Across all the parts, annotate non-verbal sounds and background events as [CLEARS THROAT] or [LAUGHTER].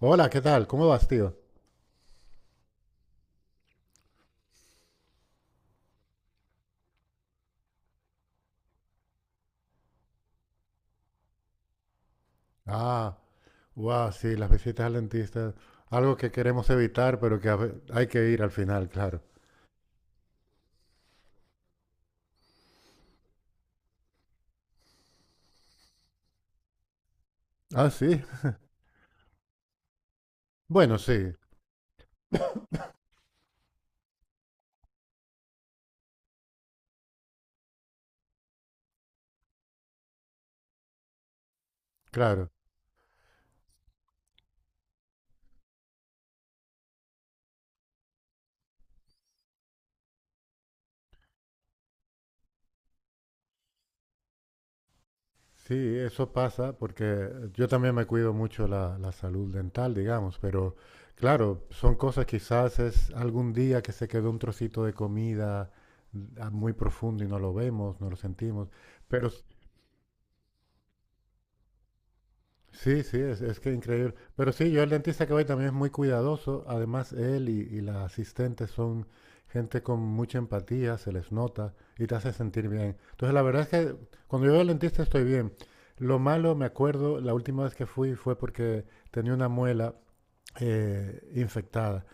Hola, ¿qué tal? ¿Cómo vas, tío? Ah, wow, sí, las visitas al dentista, algo que queremos evitar, pero que hay que ir al final, claro. Ah, sí. Bueno, sí, claro. Sí, eso pasa porque yo también me cuido mucho la salud dental, digamos, pero claro, son cosas quizás es algún día que se quedó un trocito de comida muy profundo y no lo vemos, no lo sentimos, pero sí, sí, es que increíble. Pero sí, yo el dentista que voy también es muy cuidadoso. Además, él y las asistentes son gente con mucha empatía, se les nota y te hace sentir bien. Entonces, la verdad es que cuando yo voy al dentista estoy bien. Lo malo, me acuerdo, la última vez que fui fue porque tenía una muela infectada.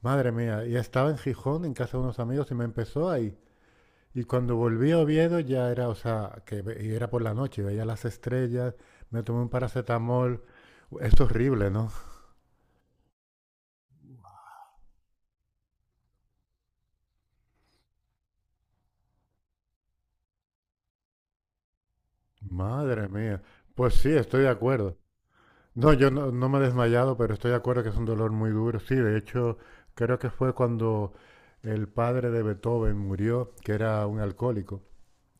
Madre mía, y estaba en Gijón, en casa de unos amigos, y me empezó a y cuando volví a Oviedo ya era, o sea, y era por la noche, veía las estrellas, me tomé un paracetamol. Es horrible, ¿no? Madre mía. Pues sí, estoy de acuerdo. No, yo no, no me he desmayado, pero estoy de acuerdo que es un dolor muy duro. Sí, de hecho, creo que fue cuando el padre de Beethoven murió, que era un alcohólico.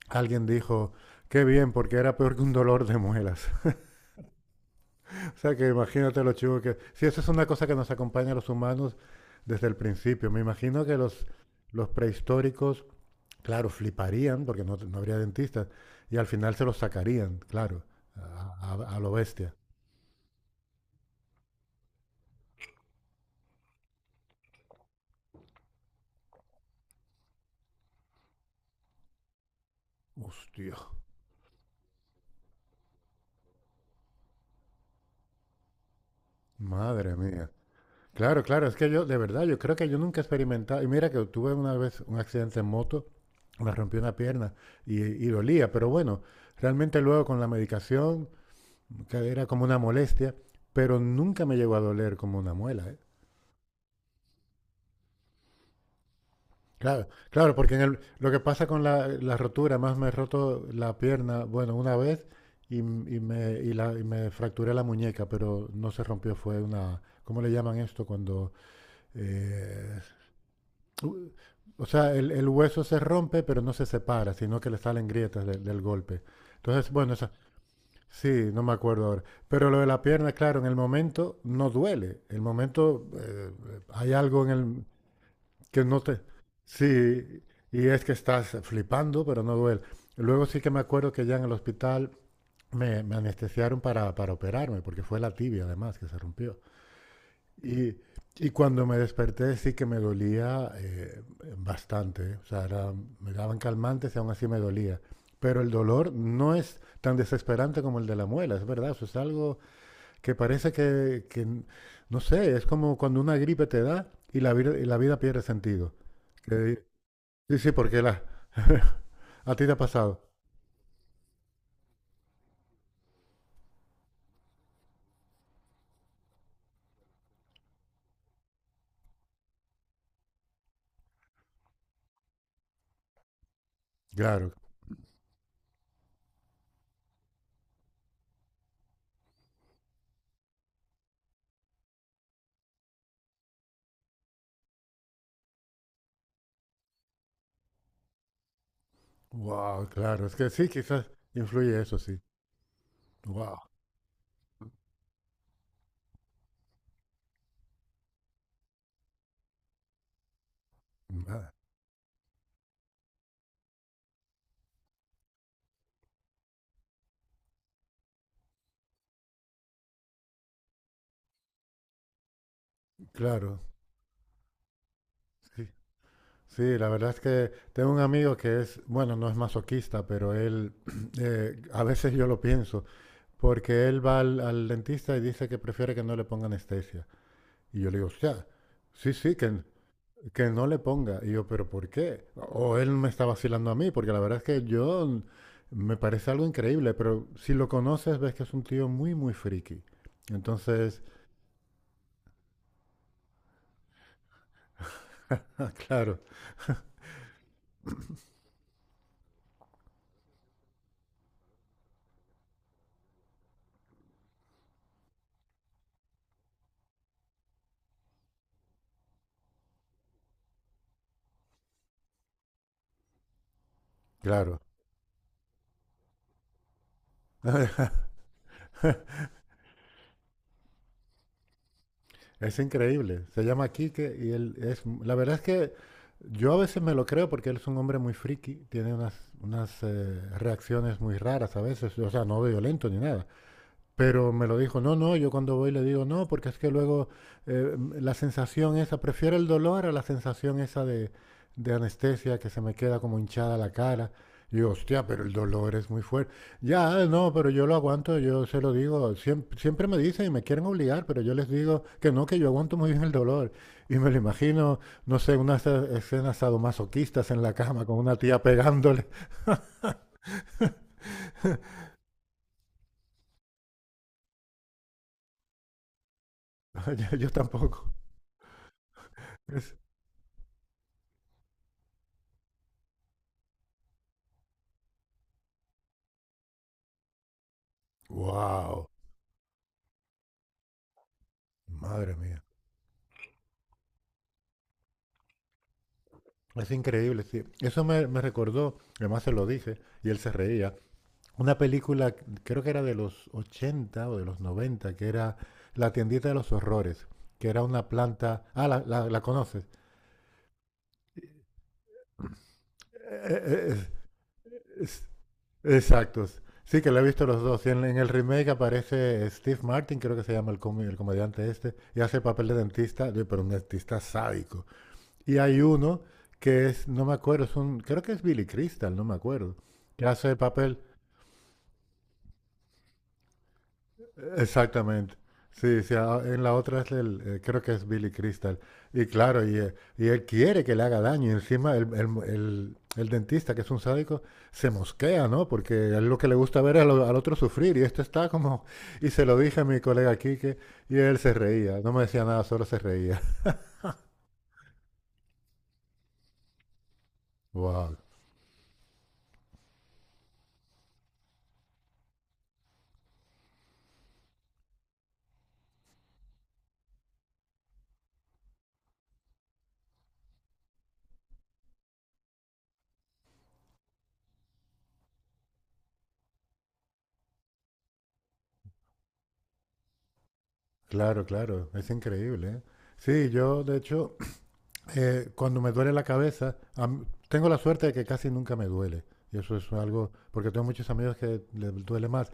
Alguien dijo, qué bien, porque era peor que un dolor de muelas. O sea, que imagínate los chivos que... Si eso es una cosa que nos acompaña a los humanos desde el principio, me imagino que los prehistóricos, claro, fliparían porque no, no habría dentistas y al final se los sacarían, claro, a lo bestia. Hostia, madre mía. Claro, claro, es que yo, de verdad, yo creo que yo nunca he experimentado. Y mira que tuve una vez un accidente en moto, me rompí una pierna y dolía, pero bueno, realmente luego con la medicación que era como una molestia, pero nunca me llegó a doler como una muela. ¿Eh? Claro, claro, porque en el, lo que pasa con la rotura, más me he roto la pierna, bueno, una vez y y me fracturé la muñeca, pero no se rompió, fue una, ¿cómo le llaman esto? Cuando, eh, u- o sea, el hueso se rompe, pero no se separa, sino que le salen grietas del golpe. Entonces, bueno, esa, sí, no me acuerdo ahora. Pero lo de la pierna, claro, en el momento no duele. El momento hay algo en el que no te... Sí, y es que estás flipando, pero no duele. Luego sí que me acuerdo que ya en el hospital me anestesiaron para operarme, porque fue la tibia además que se rompió. Y, y cuando me desperté sí que me dolía bastante. ¿Eh? O sea, era- me daban calmantes y aún así me dolía. Pero el dolor no es tan desesperante como el de la muela, es verdad. Eso es algo que parece que, no sé, es como cuando una gripe te da y la vida pierde sentido. Que- sí, sí, porque la... [LAUGHS] ¿A ti te ha pasado? Claro. Wow, claro. Es que sí, quizás influye eso, sí. Wow. Claro, sí. Sí, la verdad es que tengo un amigo que es, bueno, no es masoquista, pero él, [CLEARS THROAT] a veces yo lo pienso, porque él va al dentista y dice que prefiere que no le ponga anestesia. Y yo le digo, o sea, sí, sí, que no le ponga. Y yo, pero ¿por qué? O él me está vacilando a mí, porque la verdad es que me parece algo increíble, pero si lo conoces ves que es un tío muy, muy friki. Entonces, [LAUGHS] ah, claro, claro. [LAUGHS] Es increíble. Se llama Quique y él es... La verdad es que yo a veces me lo creo porque él es un hombre muy friki, tiene unas, unas reacciones muy raras a veces, o sea, no violento ni nada. Pero me lo dijo, no, no, yo cuando voy le digo, no, porque es que luego la sensación esa, prefiero el dolor a la sensación esa de anestesia que se me queda como hinchada la cara. Y yo, hostia, pero el dolor es muy fuerte. Ya, no, pero yo lo aguanto, yo se lo digo. Siempre, siempre me dicen y me quieren obligar, pero yo les digo que no, que yo aguanto muy bien el dolor. Y me lo imagino, no sé, unas escenas sadomasoquistas en la cama con una tía pegándole. [LAUGHS] Yo tampoco. Es, wow, madre mía. Es increíble, sí. Eso me recordó, además se lo dije, y él se reía, una película, creo que era de los 80 o de los 90 que era La tiendita de los horrores, que era una planta... Ah, la conoces. Eh, eh, eh, es- exacto. Sí, que la he visto los dos. Y en el remake aparece Steve Martin, creo que se llama el, el comediante este, y hace el papel de dentista, de- pero un dentista sádico. Y hay uno que es, no me acuerdo, es un, creo que es Billy Crystal, no me acuerdo, que hace el papel, exactamente. Sí, sí, en la otra es el, creo que es Billy Crystal. Y claro, y él quiere que le haga daño. Y encima el dentista, que es un sádico, se mosquea, ¿no? Porque a él lo que le gusta ver es al otro sufrir. Y esto está como... Y se lo dije a mi colega Quique y él se reía. No me decía nada, solo se reía. [LAUGHS] Wow. Claro, claro. Es increíble, ¿eh? Sí, yo de hecho cuando me duele la cabeza, tengo la suerte de que casi nunca me duele. Y eso es algo, porque tengo muchos amigos que les duele más.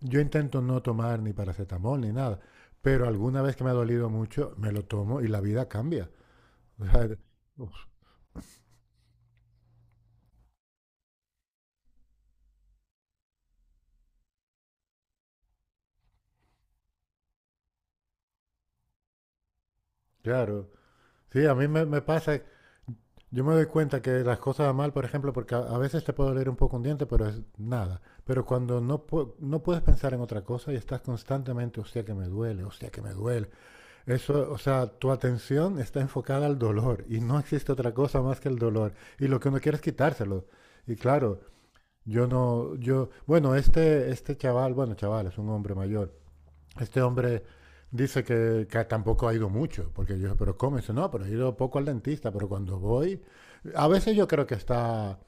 Yo intento no tomar ni paracetamol ni nada, pero alguna vez que me ha dolido mucho, me lo tomo y la vida cambia. [LAUGHS] O sea, uf, claro. Sí, a mí me pasa, yo me doy cuenta que las cosas van mal, por ejemplo, porque a veces te puede doler un poco un diente, pero es nada. Pero cuando no, no puedes pensar en otra cosa y estás constantemente, hostia que me duele, hostia que me duele, eso, o sea, tu atención está enfocada al dolor y no existe otra cosa más que el dolor. Y lo que uno quiere es quitárselo. Y claro, yo no, yo, bueno, este chaval, bueno, chaval, es un hombre mayor. Este hombre dice que tampoco ha ido mucho, porque yo, dije, pero ¿cómo? Y dice, no, pero he ido poco al dentista, pero cuando voy, a veces yo creo que está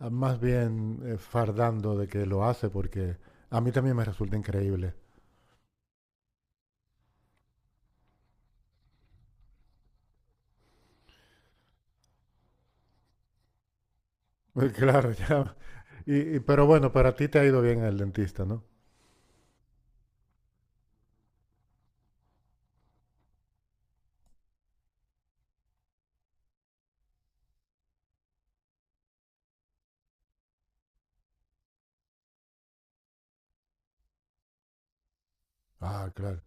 más bien fardando de que lo hace, porque a mí también me resulta increíble. [LAUGHS] Claro, ya. Pero bueno, para ti te ha ido bien el dentista, ¿no? Ah, claro.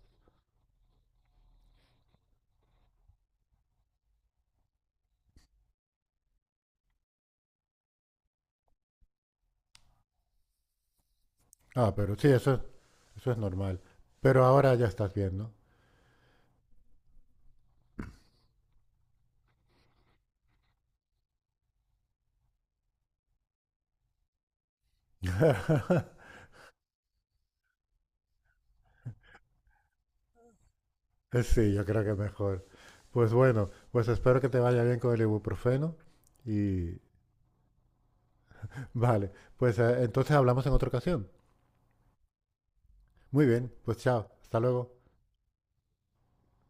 Ah, pero sí, eso es normal. Pero ahora ya estás bien, ¿no? [LAUGHS] Sí, yo creo que mejor. Pues bueno, pues espero que te vaya bien con el ibuprofeno y vale, pues entonces hablamos en otra ocasión. Muy bien, pues chao, hasta luego.